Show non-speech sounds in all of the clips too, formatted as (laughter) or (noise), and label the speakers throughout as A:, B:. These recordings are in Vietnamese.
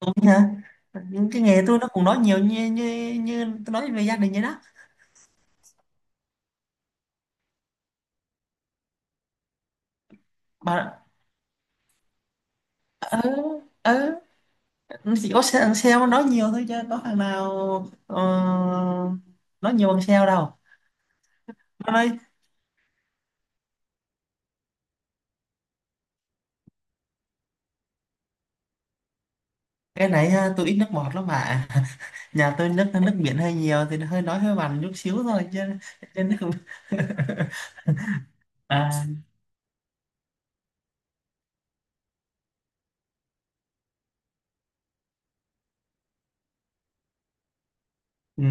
A: Đúng hả? Những cái nghề tôi nó cũng nói nhiều như như như tôi nói về gia đình vậy đó. Mà ừ ừ chỉ có thằng sale nó nói nhiều thôi chứ có thằng nào ờ, nói nhiều bằng sale đâu. Nó nói cái này ha, tôi ít nước bọt lắm mà (laughs) nhà tôi nước nước biển hơi nhiều thì hơi nói hơi mặn chút xíu thôi chứ chứ nó không (laughs) à ừ.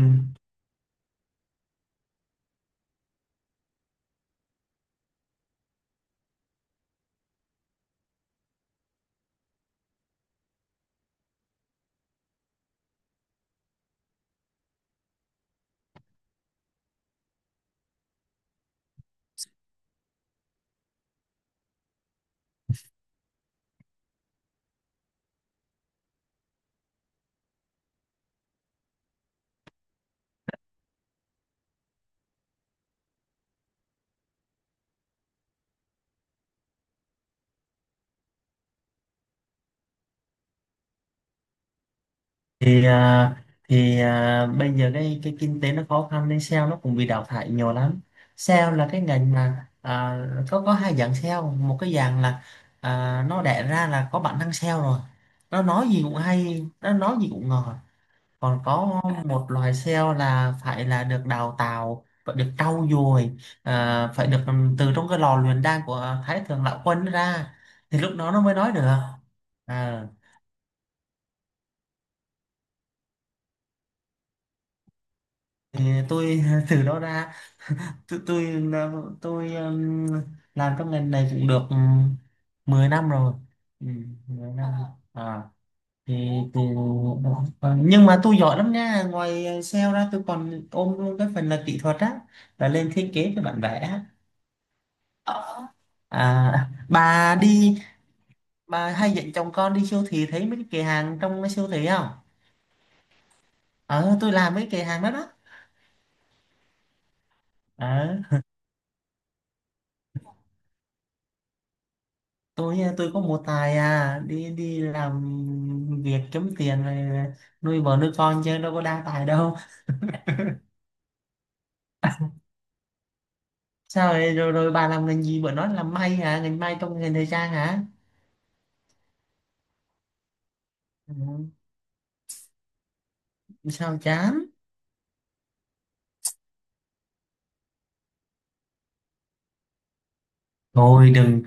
A: Bây giờ cái kinh tế nó khó khăn nên sale nó cũng bị đào thải nhiều lắm. Sale là cái ngành mà có hai dạng sale, một cái dạng là nó đẻ ra là có bản năng sale rồi, nó nói gì cũng hay, nó nói gì cũng ngọt. Còn có một loài sale là phải là được đào tạo, phải được trau dồi, phải được từ trong cái lò luyện đan của Thái Thượng Lão Quân ra thì lúc đó nó mới nói được. à, thì tôi (laughs) từ đó ra. tôi tôi là- tôi làm trong ngành này cũng được 10 năm rồi. Ừ, 10 Ờ, năm à. Thì, thì Ờ, nhưng mà tôi giỏi lắm nha, ngoài ờ, sale ra tôi còn ôm luôn cái phần là kỹ thuật á, là lên thiết kế cho bản vẽ á. À, bà đi, bà hay dẫn chồng con đi siêu thị thấy mấy cái kệ hàng trong cái siêu thị không? Ờ, tôi làm mấy kệ hàng đó đó. Ờ, tôi à, tôi có một tài à, đi đi làm việc kiếm tiền rồi nuôi vợ nuôi con chứ đâu có đa tài đâu. Sao vậy? Rồi rồi bà làm ngành gì, bữa nói làm may hả, ngành may trong ngành thời trang hả? Ừ. Sao chán? Thôi đừng,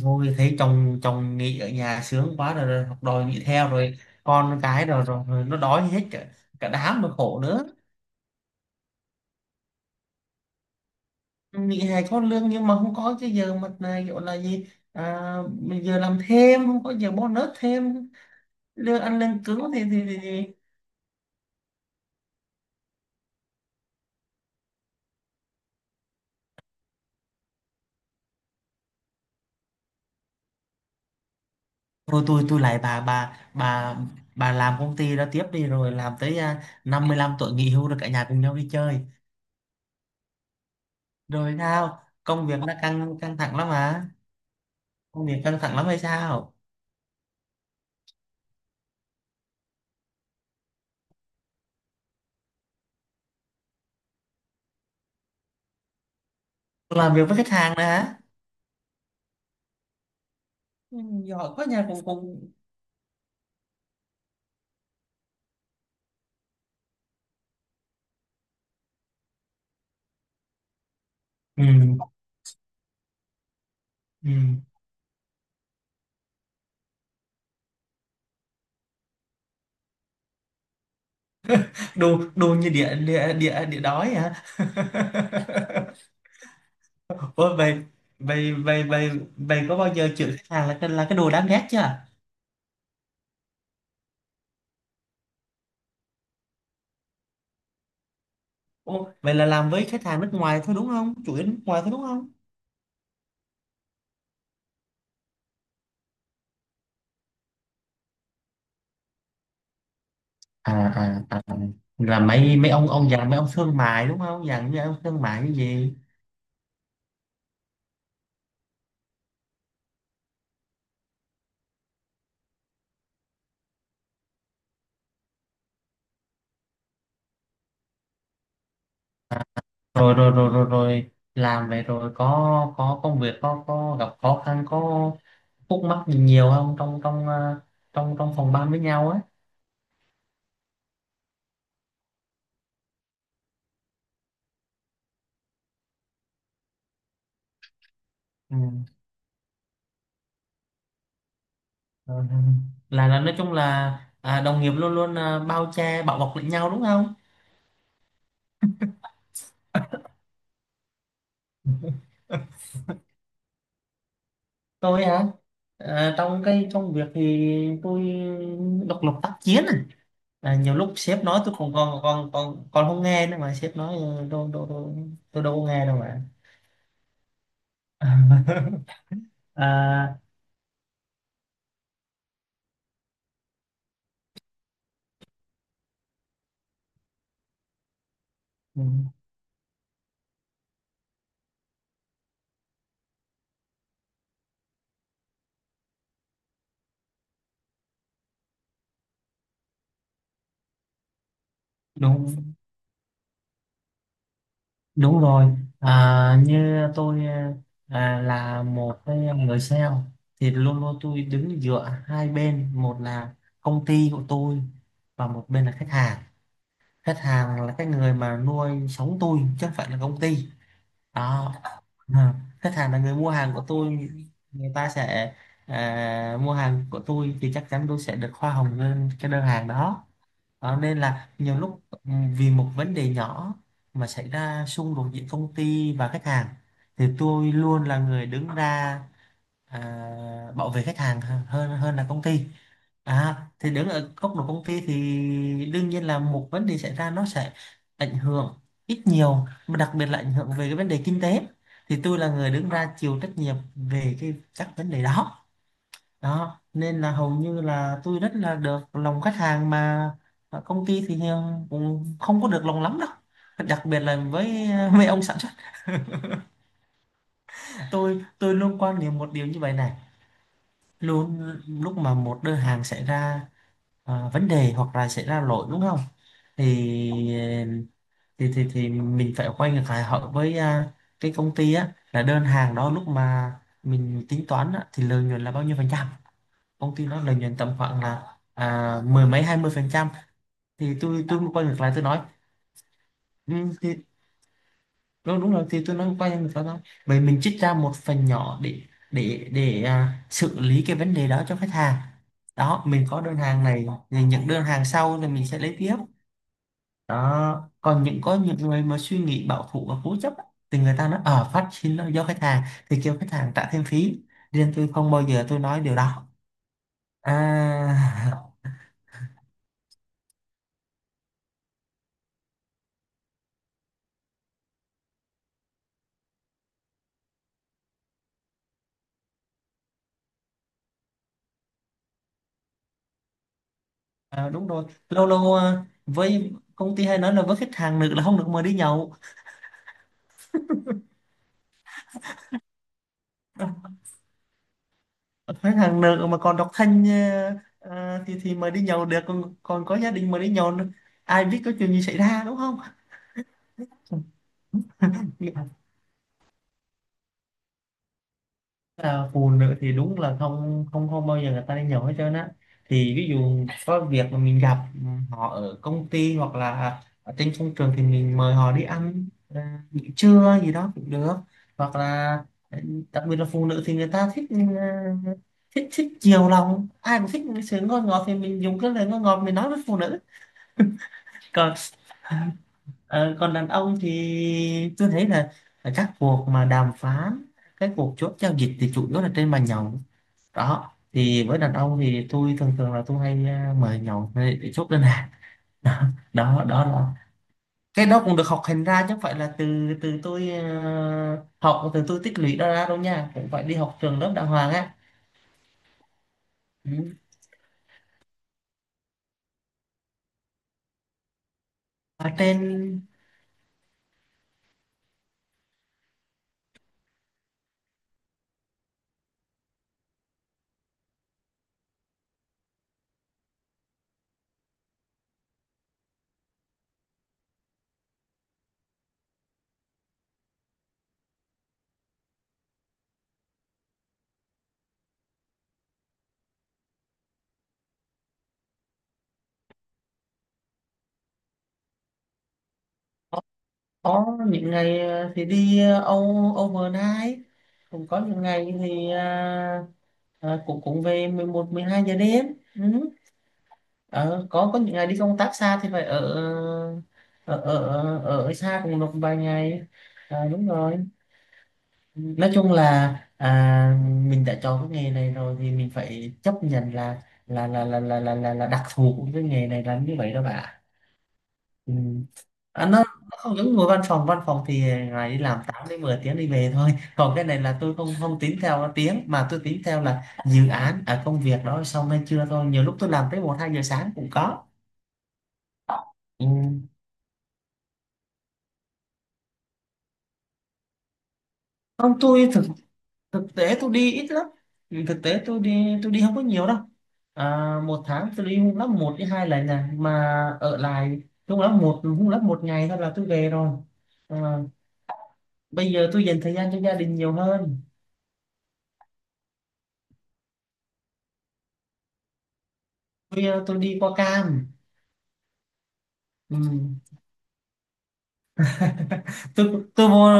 A: thôi thấy chồng chồng nghỉ ở nhà sướng quá rồi, rồi học đòi nghỉ theo rồi con cái rồi nó đói hết cả, cả đám mà khổ nữa. Nghỉ hè có lương nhưng mà không có cái giờ mà này gọi là gì, à, giờ làm thêm, không có giờ bonus thêm. Lương ăn lương cứng thì thì. Thôi tôi lại bà bà làm công ty đó tiếp đi, rồi làm tới à, 55 tuổi nghỉ hưu rồi cả nhà cùng nhau đi chơi. Rồi sao, công việc đã căng căng thẳng lắm à? Công việc căng thẳng lắm hay sao? Làm việc với khách hàng nữa hả? Ừ, giỏi quá nhà cùng cùng. Ừ, ừ. đồ đồ như địa địa địa địa đói hả? (laughs) Ôi vậy, vậy vậy có bao giờ chửi khách hàng là cái đồ đáng ghét chưa? Ồ, vậy là làm với khách hàng nước ngoài thôi đúng không? Chủ yếu nước ngoài thôi đúng không? à, à, à, à. Là mấy mấy ông già, mấy ông thương mại đúng không, dạng như ông thương mại cái gì? Rồi rồi rồi rồi rồi làm vậy rồi có công việc có gặp khó khăn có khúc mắc gì nhiều không trong trong ờ, trong trong phòng ban với nhau á? Ừ. Ờ, ừ. Là nói chung là à, đồng nghiệp luôn luôn à, bao che bảo bọc lẫn nhau đúng không? Tôi hả? À, trong cái công việc thì tôi độc lập tác chiến à? À, nhiều lúc sếp nói tôi còn còn còn còn còn không nghe nữa, mà sếp nói "Ừ, đâu đâu đâu tôi đâu có nghe đâu mà". (laughs) À, ừ, đúng đúng rồi. À, như tôi à, là một cái người sale thì luôn luôn tôi đứng giữa hai bên, một là công ty của tôi và một bên là khách hàng. Khách hàng là cái người mà nuôi sống tôi chứ không phải là công ty đó. À, khách hàng là người mua hàng của tôi. Người ta sẽ à, mua hàng của tôi thì chắc chắn tôi sẽ được hoa hồng lên cái đơn hàng đó. Đó, nên là nhiều lúc vì một vấn đề nhỏ mà xảy ra xung đột giữa công ty và khách hàng thì tôi luôn là người đứng ra à, bảo vệ khách hàng hơn hơn là công ty. À, thì đứng ở góc độ công ty thì đương nhiên là một vấn đề xảy ra nó sẽ ảnh hưởng ít nhiều, mà đặc biệt là ảnh hưởng về cái vấn đề kinh tế, thì tôi là người đứng ra chịu trách nhiệm về cái các vấn đề đó. Đó nên là hầu như là tôi rất là được lòng khách hàng, mà công ty thì cũng không có được lòng lắm đâu, đặc biệt là với (laughs) mấy ông sản xuất. Tôi luôn quan niệm một điều như vậy này, luôn lúc mà một đơn hàng xảy ra à, vấn đề hoặc là xảy ra lỗi đúng không, thì thì mình phải quay ngược lại hỏi với à, cái công ty á là đơn hàng đó lúc mà mình tính toán á, thì lợi nhuận là bao nhiêu phần trăm, công ty nó lợi nhuận tầm khoảng là à, mười mấy hai mươi phần trăm, thì tôi quay ngược lại tôi nói ừ, thì đúng rồi, thì tôi nói quay ngược lại thôi, vậy mình trích ra một phần nhỏ để để à, xử lý cái vấn đề đó cho khách hàng. Đó, mình có đơn hàng này thì những đơn hàng sau thì mình sẽ lấy tiếp. Đó còn những có những người mà suy nghĩ bảo thủ và cố chấp á, thì người ta nói ở phát sinh là do khách hàng thì kêu khách hàng trả thêm phí, riêng tôi không bao giờ tôi nói điều đó, à, (laughs) à đúng rồi. Lâu lâu à, với công ty hay nói là với khách hàng nữ là không được mời đi nhậu. Khách hàng nữ mà còn độc thân à, à, thì mời đi nhậu được, còn còn có gia đình mời đi nhậu nữa. Ai biết có chuyện gì xảy ra đúng không? Là phụ nữ thì đúng là không không không bao giờ người ta đi nhậu hết trơn á. Thì ví dụ có việc mà mình gặp họ ở công ty hoặc là ở trên công trường thì mình mời họ đi ăn ờ, nghỉ trưa gì đó cũng được, hoặc là ờ, đặc biệt là phụ nữ thì người ta thích ờ, thích thích chiều lòng, ai cũng thích cái sự ngon ngọt thì mình dùng cái lời ngon ngọt mình nói với phụ nữ. Còn ờ, còn đàn ông thì tôi thấy là ờ, các cuộc mà đàm phán, cái cuộc chốt giao dịch thì chủ yếu là trên bàn nhậu. Đó thì với đàn ông thì tôi thường thường là tôi hay à, mời nhậu để chốt đơn hàng. (laughs) Đó, đó đó là cái đó cũng được học hành ra, chứ không phải là từ từ tôi à, học từ tôi tích lũy đó ra đâu nha, cũng phải đi học trường lớp đàng hoàng á. Ừ. Ở trên có những ngày à, thì đi à, âu overnight, cũng có những ngày thì à, à, cũng cũng về mười một mười hai giờ đêm. Ừ. Ờ, có những ngày đi công tác xa thì phải ở ở xa cùng được vài ngày. À, đúng rồi, nói chung là à, mình đã chọn cái nghề này rồi thì mình phải chấp nhận là là đặc thù của cái nghề này là như vậy đó bà. Ừ. À, nó không giống ngồi văn phòng, văn phòng thì ngày đi làm 8 đến 10 tiếng đi về thôi, còn cái này là tôi không không tính theo tiếng mà tôi tính theo là dự án ở công việc đó xong hay chưa thôi, nhiều lúc tôi làm tới một hai giờ sáng cũng có. Ừ. Không, tôi thực thực tế tôi đi ít lắm. Ừ, thực tế tôi đi không có nhiều đâu. À, một tháng tôi đi hung lắm một đến hai lần này mà ở lại, hung lắm một ngày thôi là tôi về rồi. À, bây giờ tôi dành thời gian cho gia đình nhiều hơn. Tôi ờ, tôi đi qua Cam. Ừ. (laughs) Tôi mua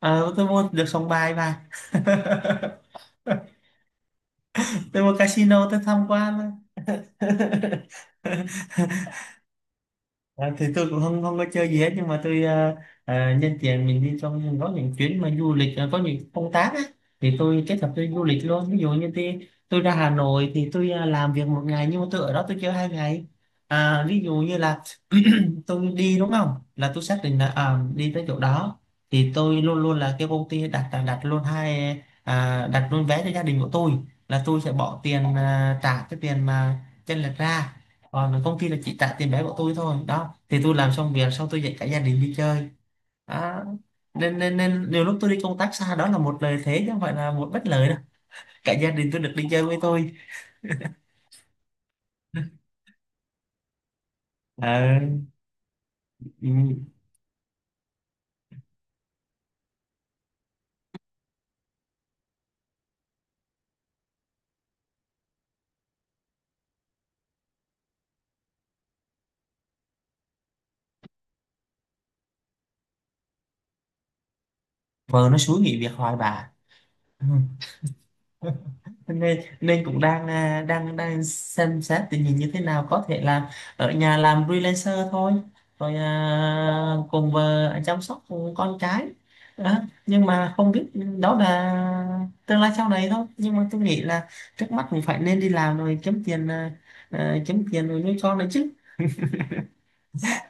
A: À, tôi mua được sòng bài mà. (laughs) Tôi mua casino tôi tham quan. (laughs) À, thì tôi cũng không không có chơi gì hết, nhưng mà tôi à, à, nhân tiện mình đi trong có những chuyến mà du lịch à, có những công tác á thì tôi kết hợp tôi du lịch luôn. Ví dụ như tôi ra Hà Nội thì tôi à, làm việc một ngày nhưng mà tôi ở đó tôi chơi hai ngày. À, ví dụ như là (clears throat) tôi đi, đúng không, là tôi xác định là à, đi tới chỗ đó thì tôi luôn luôn là cái công ty đặt đặt, đặt luôn hai à, đặt luôn vé cho gia đình của tôi, là tôi sẽ bỏ tiền à, trả cái tiền mà chênh lệch ra, còn công ty là chỉ trả tiền vé của tôi thôi. Đó thì tôi làm xong việc xong tôi dạy cả gia đình đi chơi. Đó. Nên nên nên nhiều lúc tôi đi công tác xa đó là một lợi thế chứ không phải là một bất lợi đâu, cả gia đình tôi được đi chơi với tôi. Ờ, ừ. Vợ nó xúi nghỉ việc hoài bà. (laughs) nên nên cũng đang à, đang đang xem xét tình hình như thế nào, có thể là ở nhà làm freelancer thôi, rồi à, cùng vợ chăm sóc con cái. Đó. Nhưng mà không biết, đó là tương lai sau này thôi, nhưng mà tôi nghĩ là trước mắt cũng phải nên đi làm rồi kiếm tiền à, à, kiếm tiền rồi nuôi con nữa chứ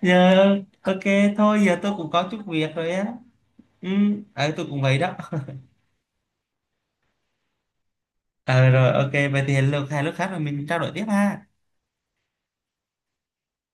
A: giờ. Ok thôi, giờ tôi cũng có chút việc rồi á. Ừ, ờ, tôi cũng vậy đó. Ờ rồi ok, vậy thì hẹn lượt hai lúc khác rồi mình trao đổi tiếp ha.